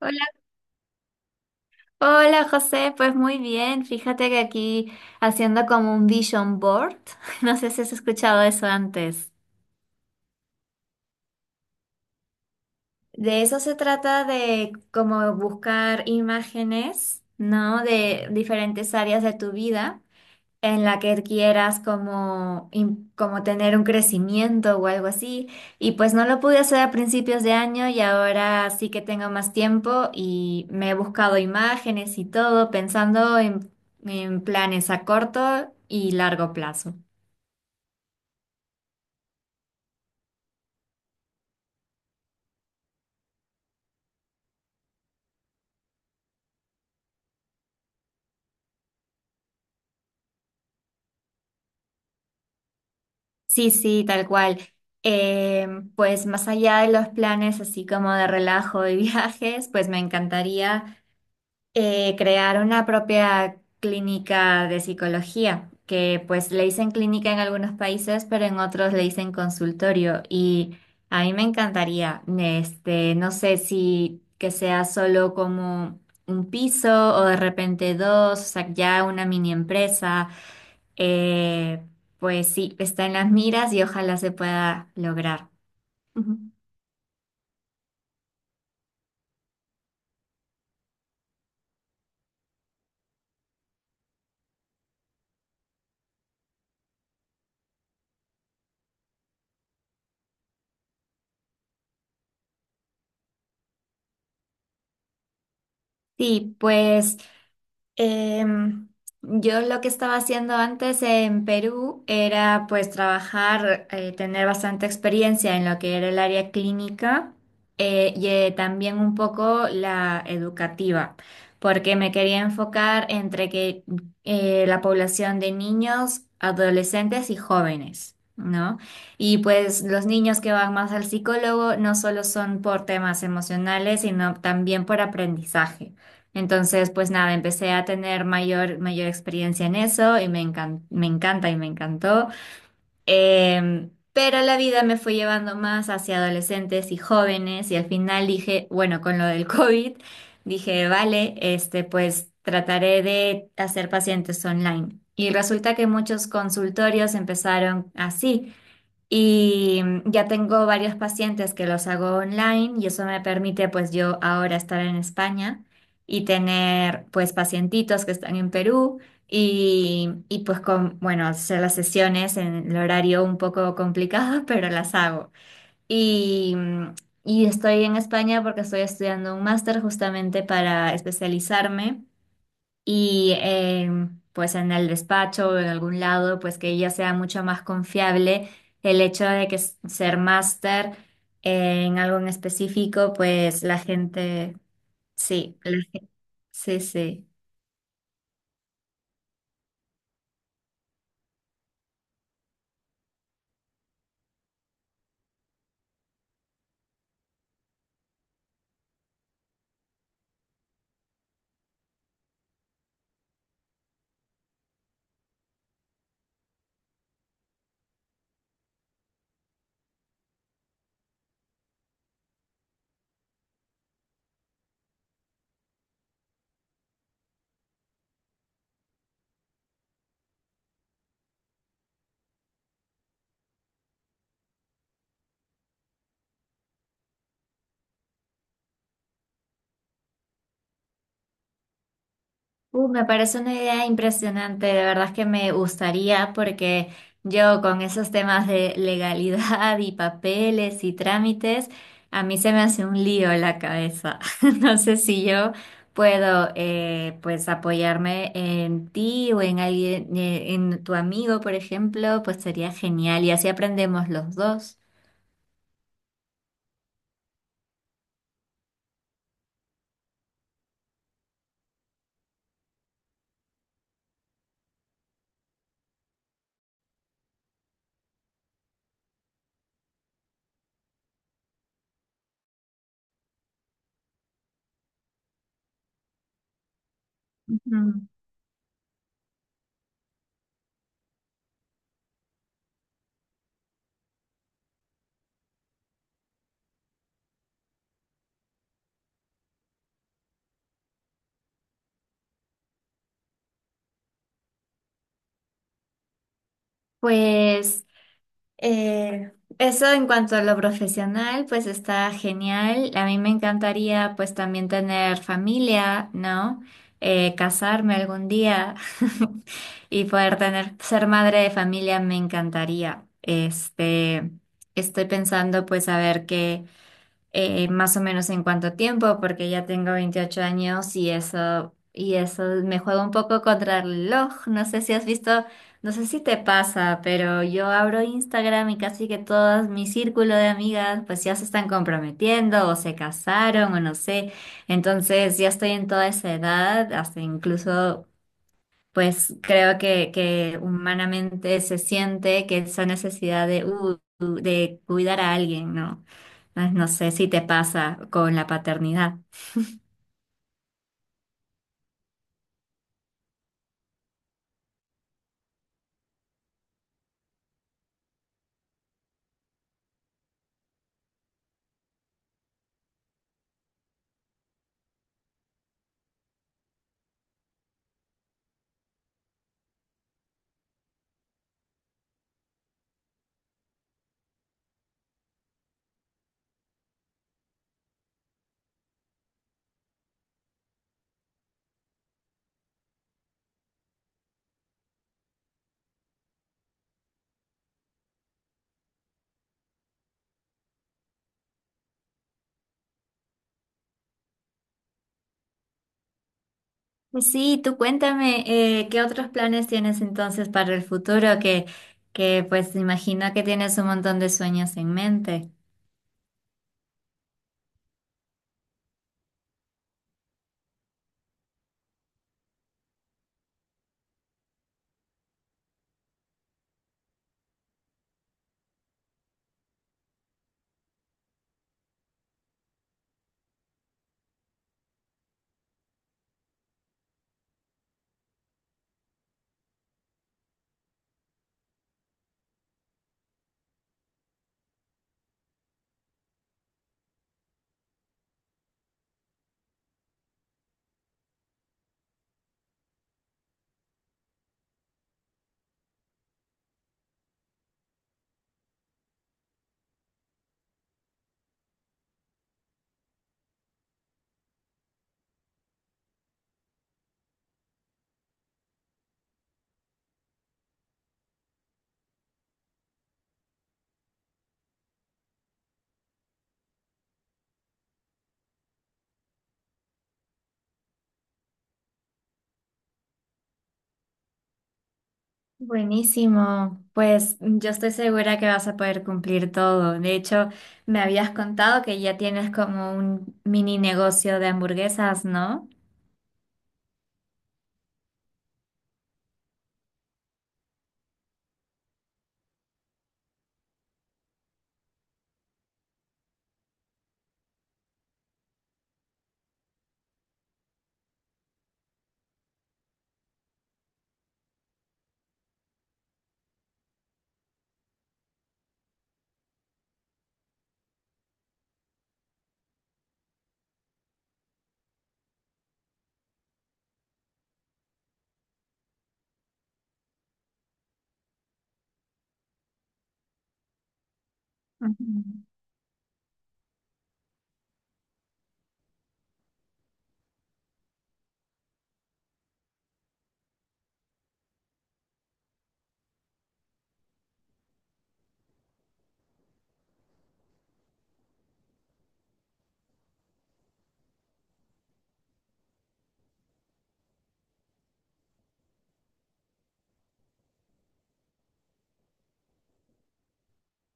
Hola, hola José, pues muy bien. Fíjate que aquí haciendo como un vision board, no sé si has escuchado eso antes. De eso se trata de como buscar imágenes, ¿no? De diferentes áreas de tu vida, en la que quieras como, como tener un crecimiento o algo así. Y pues no lo pude hacer a principios de año y ahora sí que tengo más tiempo y me he buscado imágenes y todo pensando en planes a corto y largo plazo. Sí, sí, tal cual. Eh, pues más allá de los planes así como de relajo y viajes, pues me encantaría crear una propia clínica de psicología, que pues le dicen clínica en algunos países, pero en otros le dicen consultorio. Y a mí me encantaría, no sé si que sea solo como un piso o de repente dos, o sea, ya una mini empresa. Eh, pues sí, está en las miras y ojalá se pueda lograr. Ujú. Sí, pues Em, yo lo que estaba haciendo antes en Perú era pues trabajar, tener bastante experiencia en lo que era el área clínica también un poco la educativa, porque me quería enfocar entre que la población de niños, adolescentes y jóvenes. ¿No? Y pues los niños que van más al psicólogo no solo son por temas emocionales, sino también por aprendizaje. Entonces, pues nada, empecé a tener mayor experiencia en eso y me encanta y me encantó. Pero la vida me fue llevando más hacia adolescentes y jóvenes y al final dije, bueno, con lo del COVID, dije, vale, pues trataré de hacer pacientes online. Y resulta que muchos consultorios empezaron así. Y ya tengo varios pacientes que los hago online y eso me permite pues yo ahora estar en España y tener pues pacientitos que están en Perú y pues con, bueno, hacer las sesiones en el horario un poco complicado, pero las hago. Y, mm, y estoy en España porque estoy estudiando un máster justamente para especializarme y pues en el despacho o en algún lado, pues que ella sea mucho más confiable el hecho de que ser máster en algo en específico, pues la gente, sí, sí, sí. Me parece una idea impresionante, de verdad es que me gustaría porque yo con esos temas de legalidad y papeles y trámites, a mí se me hace un lío la cabeza. No sé si yo puedo pues apoyarme en ti o en alguien, en tu amigo, por ejemplo, pues sería genial y así aprendemos los dos. Ujú. Pues Eh, eso en cuanto a lo profesional, pues está genial. A mí me encantaría pues también tener familia, ¿no? Casarme algún día y poder tener, ser madre de familia me encantaría. Estoy pensando pues a ver qué más o menos en cuánto tiempo, porque ya tengo 28 años y eso me juega un poco contra el reloj. No sé si has visto, no sé si te pasa, pero yo abro Instagram y casi que todo mi círculo de amigas pues ya se están comprometiendo o se casaron o no sé. Entonces ya estoy en toda esa edad, hasta incluso pues creo que humanamente se siente que esa necesidad de cuidar a alguien, ¿no? Ah, no sé si te pasa con la paternidad. Pues sí, tú cuéntame, ¿qué otros planes tienes entonces para el futuro? Que pues imagino que tienes un montón de sueños en mente. Buenísimo, pues yo estoy segura que vas a poder cumplir todo. De hecho, me habías contado que ya tienes como un mini negocio de hamburguesas, ¿no? Ujú.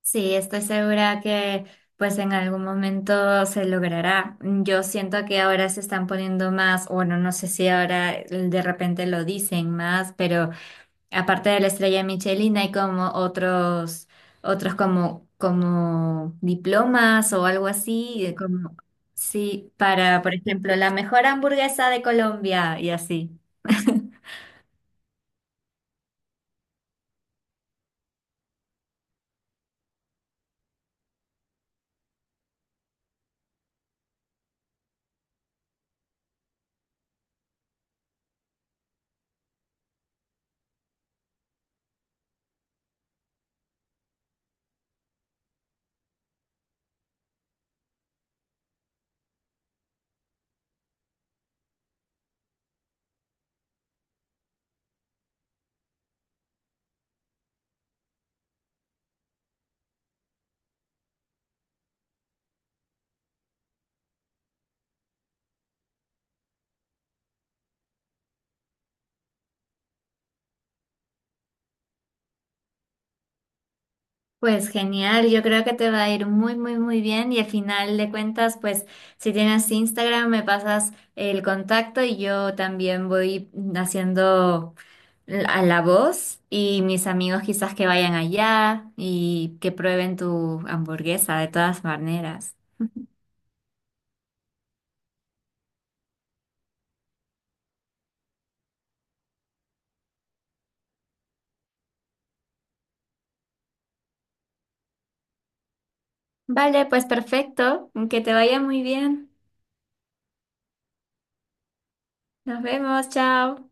Sí, estoy segura que pues en algún momento se logrará. Mm, yo siento que ahora se están poniendo más, bueno, no sé si ahora de repente lo dicen más, pero aparte de la estrella Michelin hay como otros, otros como, como diplomas o algo así, como sí, para, por ejemplo, la mejor hamburguesa de Colombia y así. Pues genial, yo creo que te va a ir muy, muy, muy bien y al final de cuentas, pues si tienes Instagram me pasas el contacto y yo también voy haciendo a la voz y mis amigos quizás que vayan allá y que prueben tu hamburguesa de todas maneras. Vale, pues perfecto, que te vaya muy bien. Nos vemos, chao.